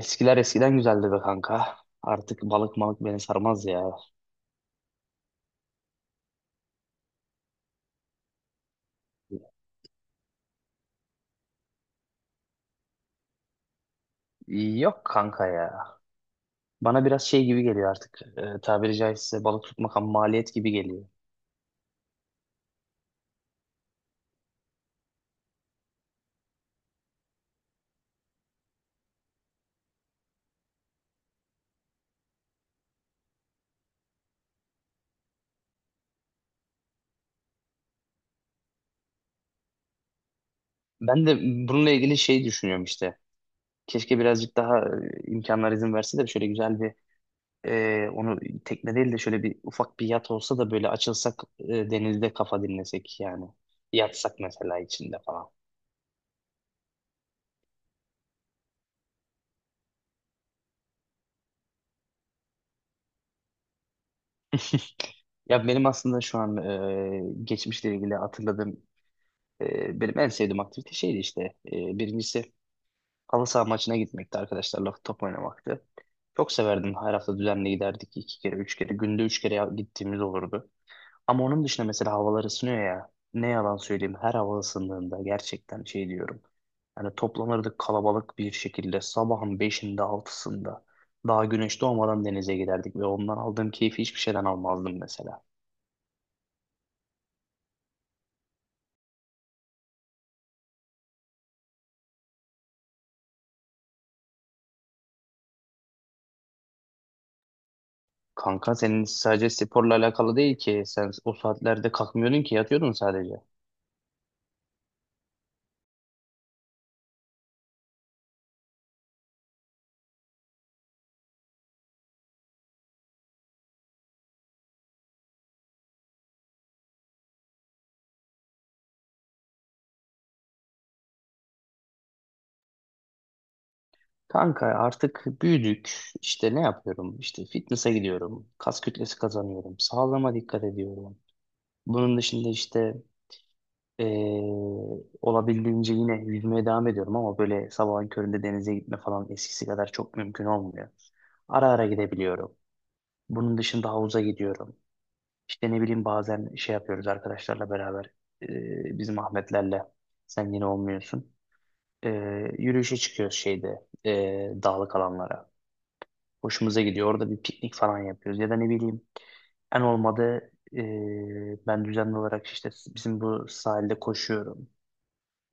Eskiler eskiden güzeldi be kanka. Artık balık malık beni sarmaz ya. Yok kanka ya. Bana biraz şey gibi geliyor artık. Tabiri caizse balık tutmak ham maliyet gibi geliyor. Ben de bununla ilgili şey düşünüyorum işte. Keşke birazcık daha imkanlar izin verse de şöyle güzel bir onu tekne değil de şöyle bir ufak bir yat olsa da böyle açılsak, denizde kafa dinlesek yani. Yatsak mesela içinde falan. Ya benim aslında şu an geçmişle ilgili hatırladığım, benim en sevdiğim aktivite şeydi işte. Birincisi halı saha maçına gitmekti, arkadaşlarla top oynamaktı. Çok severdim. Her hafta düzenli giderdik. İki kere, üç kere. Günde üç kere gittiğimiz olurdu. Ama onun dışında mesela havalar ısınıyor ya. Ne yalan söyleyeyim. Her hava ısındığında gerçekten şey diyorum. Yani toplanırdık kalabalık bir şekilde. Sabahın beşinde, altısında. Daha güneş doğmadan denize giderdik. Ve ondan aldığım keyfi hiçbir şeyden almazdım mesela. Kanka senin sadece sporla alakalı değil ki. Sen o saatlerde kalkmıyordun ki, yatıyordun sadece. Kanka artık büyüdük. İşte ne yapıyorum? İşte fitness'a gidiyorum. Kas kütlesi kazanıyorum. Sağlığıma dikkat ediyorum. Bunun dışında işte eee, olabildiğince yine yüzmeye devam ediyorum, ama böyle sabahın köründe denize gitme falan eskisi kadar çok mümkün olmuyor. Ara ara gidebiliyorum. Bunun dışında havuza gidiyorum. İşte ne bileyim, bazen şey yapıyoruz arkadaşlarla beraber. Bizim Ahmetlerle. Sen yine olmuyorsun. Yürüyüşe çıkıyoruz şeyde, dağlık alanlara. Hoşumuza gidiyor. Orada bir piknik falan yapıyoruz. Ya da ne bileyim, en olmadı, ben düzenli olarak işte bizim bu sahilde koşuyorum.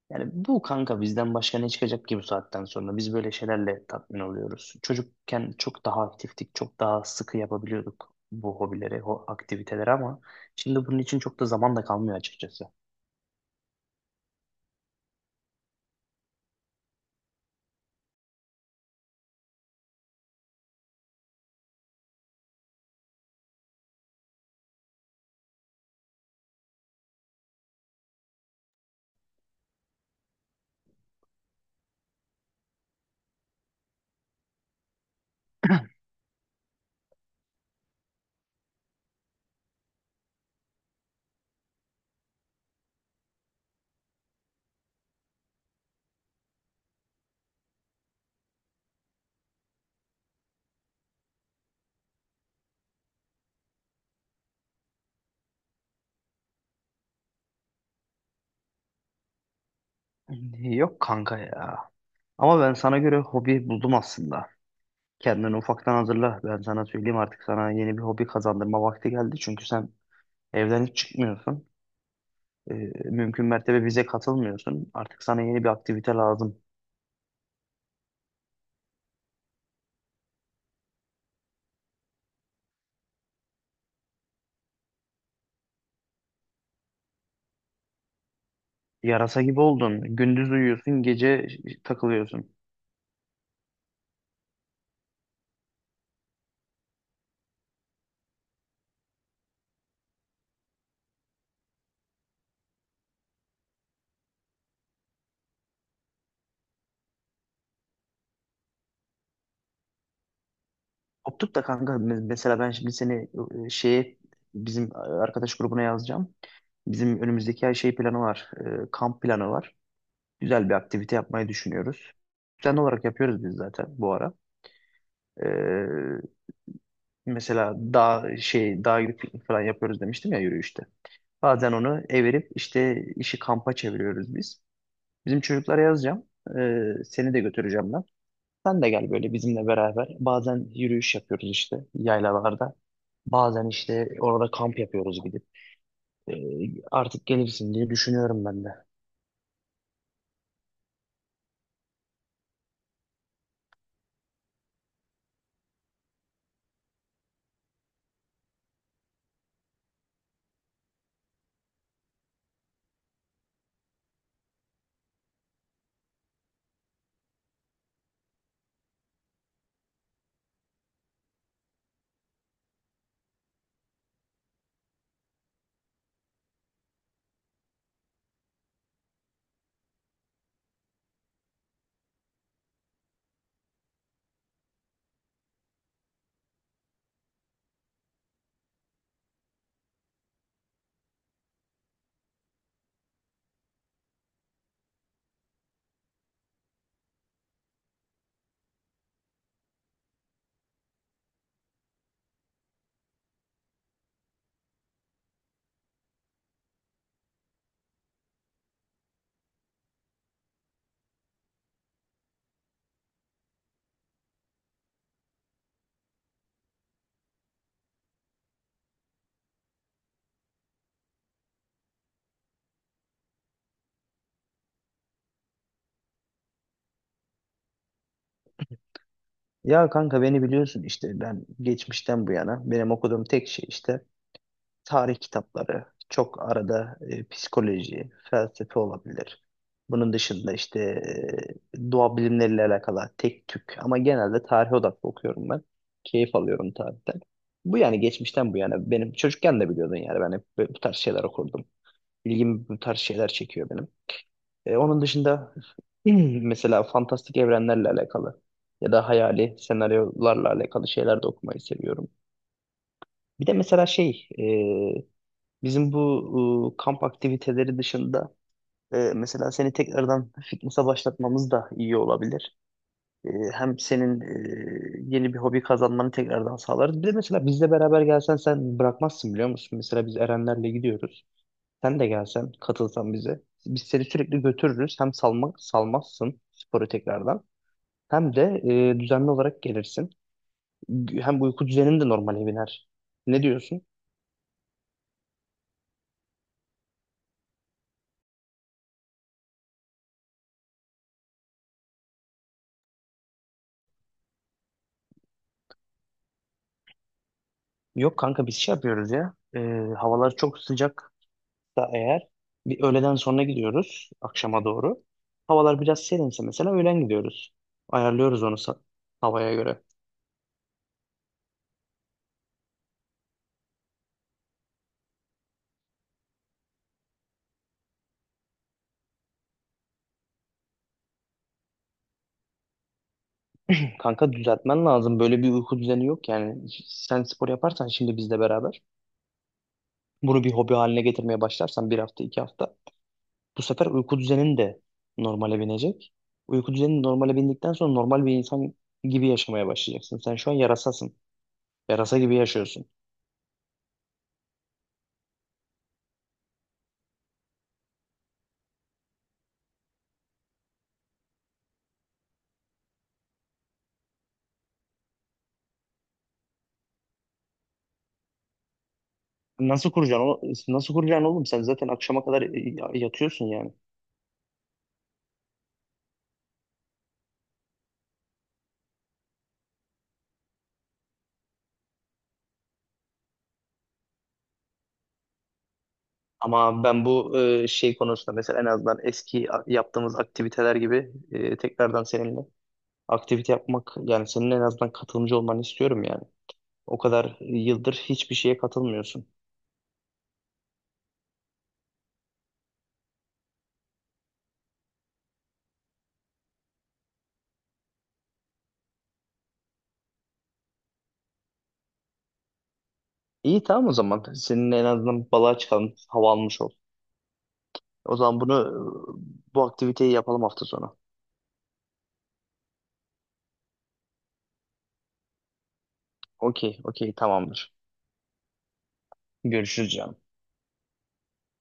Yani bu kanka bizden başka ne çıkacak ki bu saatten sonra? Biz böyle şeylerle tatmin oluyoruz. Çocukken çok daha aktiftik, çok daha sıkı yapabiliyorduk bu hobileri, o aktiviteleri, ama şimdi bunun için çok da zaman da kalmıyor açıkçası. Yok kanka ya. Ama ben sana göre hobi buldum aslında. Kendini ufaktan hazırla. Ben sana söyleyeyim, artık sana yeni bir hobi kazandırma vakti geldi. Çünkü sen evden hiç çıkmıyorsun. Ee, Mümkün mertebe bize katılmıyorsun. Artık sana yeni bir aktivite lazım. Yarasa gibi oldun. Gündüz uyuyorsun, gece takılıyorsun. Koptuk da kanka, mesela ben şimdi seni şeye, bizim arkadaş grubuna yazacağım. Bizim önümüzdeki ay şey planı var. Kamp planı var. Güzel bir aktivite yapmayı düşünüyoruz. Düzenli olarak yapıyoruz biz zaten bu ara. E, Mesela dağ şey dağ gidip piknik falan yapıyoruz demiştim ya yürüyüşte. Bazen onu evirip işte işi kampa çeviriyoruz biz. Bizim çocuklara yazacağım. Seni de götüreceğim ben. Sen de gel böyle bizimle beraber. Bazen yürüyüş yapıyoruz işte yaylalarda. Bazen işte orada kamp yapıyoruz gidip. Artık gelirsin diye düşünüyorum ben de. Ya kanka, beni biliyorsun işte, ben geçmişten bu yana benim okuduğum tek şey işte tarih kitapları, çok arada psikoloji, felsefe olabilir. Bunun dışında işte doğa bilimleriyle alakalı tek tük, ama genelde tarihe odaklı okuyorum ben. Keyif alıyorum tarihten. Bu yani geçmişten bu yana benim, çocukken de biliyordun yani, ben hep bu bu tarz şeyler okurdum. İlgimi bu tarz şeyler çekiyor benim. Onun dışında mesela fantastik evrenlerle alakalı ya da hayali senaryolarla alakalı şeyler de okumayı seviyorum. Bir de mesela şey bizim bu kamp aktiviteleri dışında, mesela seni tekrardan fitness'a başlatmamız da iyi olabilir. Hem senin yeni bir hobi kazanmanı tekrardan sağlarız. Bir de mesela bizle beraber gelsen sen bırakmazsın biliyor musun? Mesela biz Erenlerle gidiyoruz. Sen de gelsen, katılsan bize. Biz seni sürekli götürürüz. Hem salmak salmazsın sporu tekrardan. Hem de düzenli olarak gelirsin. Hem uyku düzenin de normale biner. Ne diyorsun? Yok kanka, biz şey yapıyoruz ya. Havalar çok sıcak. Da eğer bir öğleden sonra gidiyoruz akşama doğru. Havalar biraz serinse mesela öğlen gidiyoruz. Ayarlıyoruz onu havaya göre. Kanka, düzeltmen lazım. Böyle bir uyku düzeni yok yani. Sen spor yaparsan şimdi bizle beraber, bunu bir hobi haline getirmeye başlarsan bir hafta iki hafta, bu sefer uyku düzenin de normale binecek. Uyku düzenin normale bindikten sonra normal bir insan gibi yaşamaya başlayacaksın. Sen şu an yarasasın. Yarasa gibi yaşıyorsun. Nasıl kuracaksın? Nasıl kuracaksın oğlum? Sen zaten akşama kadar yatıyorsun yani. Ama ben bu şey konusunda mesela en azından eski yaptığımız aktiviteler gibi, tekrardan seninle aktivite yapmak, yani senin en azından katılımcı olmanı istiyorum yani. O kadar yıldır hiçbir şeye katılmıyorsun. İyi, tamam o zaman. Seninle en azından balığa çıkalım. Hava almış ol. O zaman bunu bu aktiviteyi yapalım hafta sonu. Okey, okey, tamamdır. Görüşürüz canım.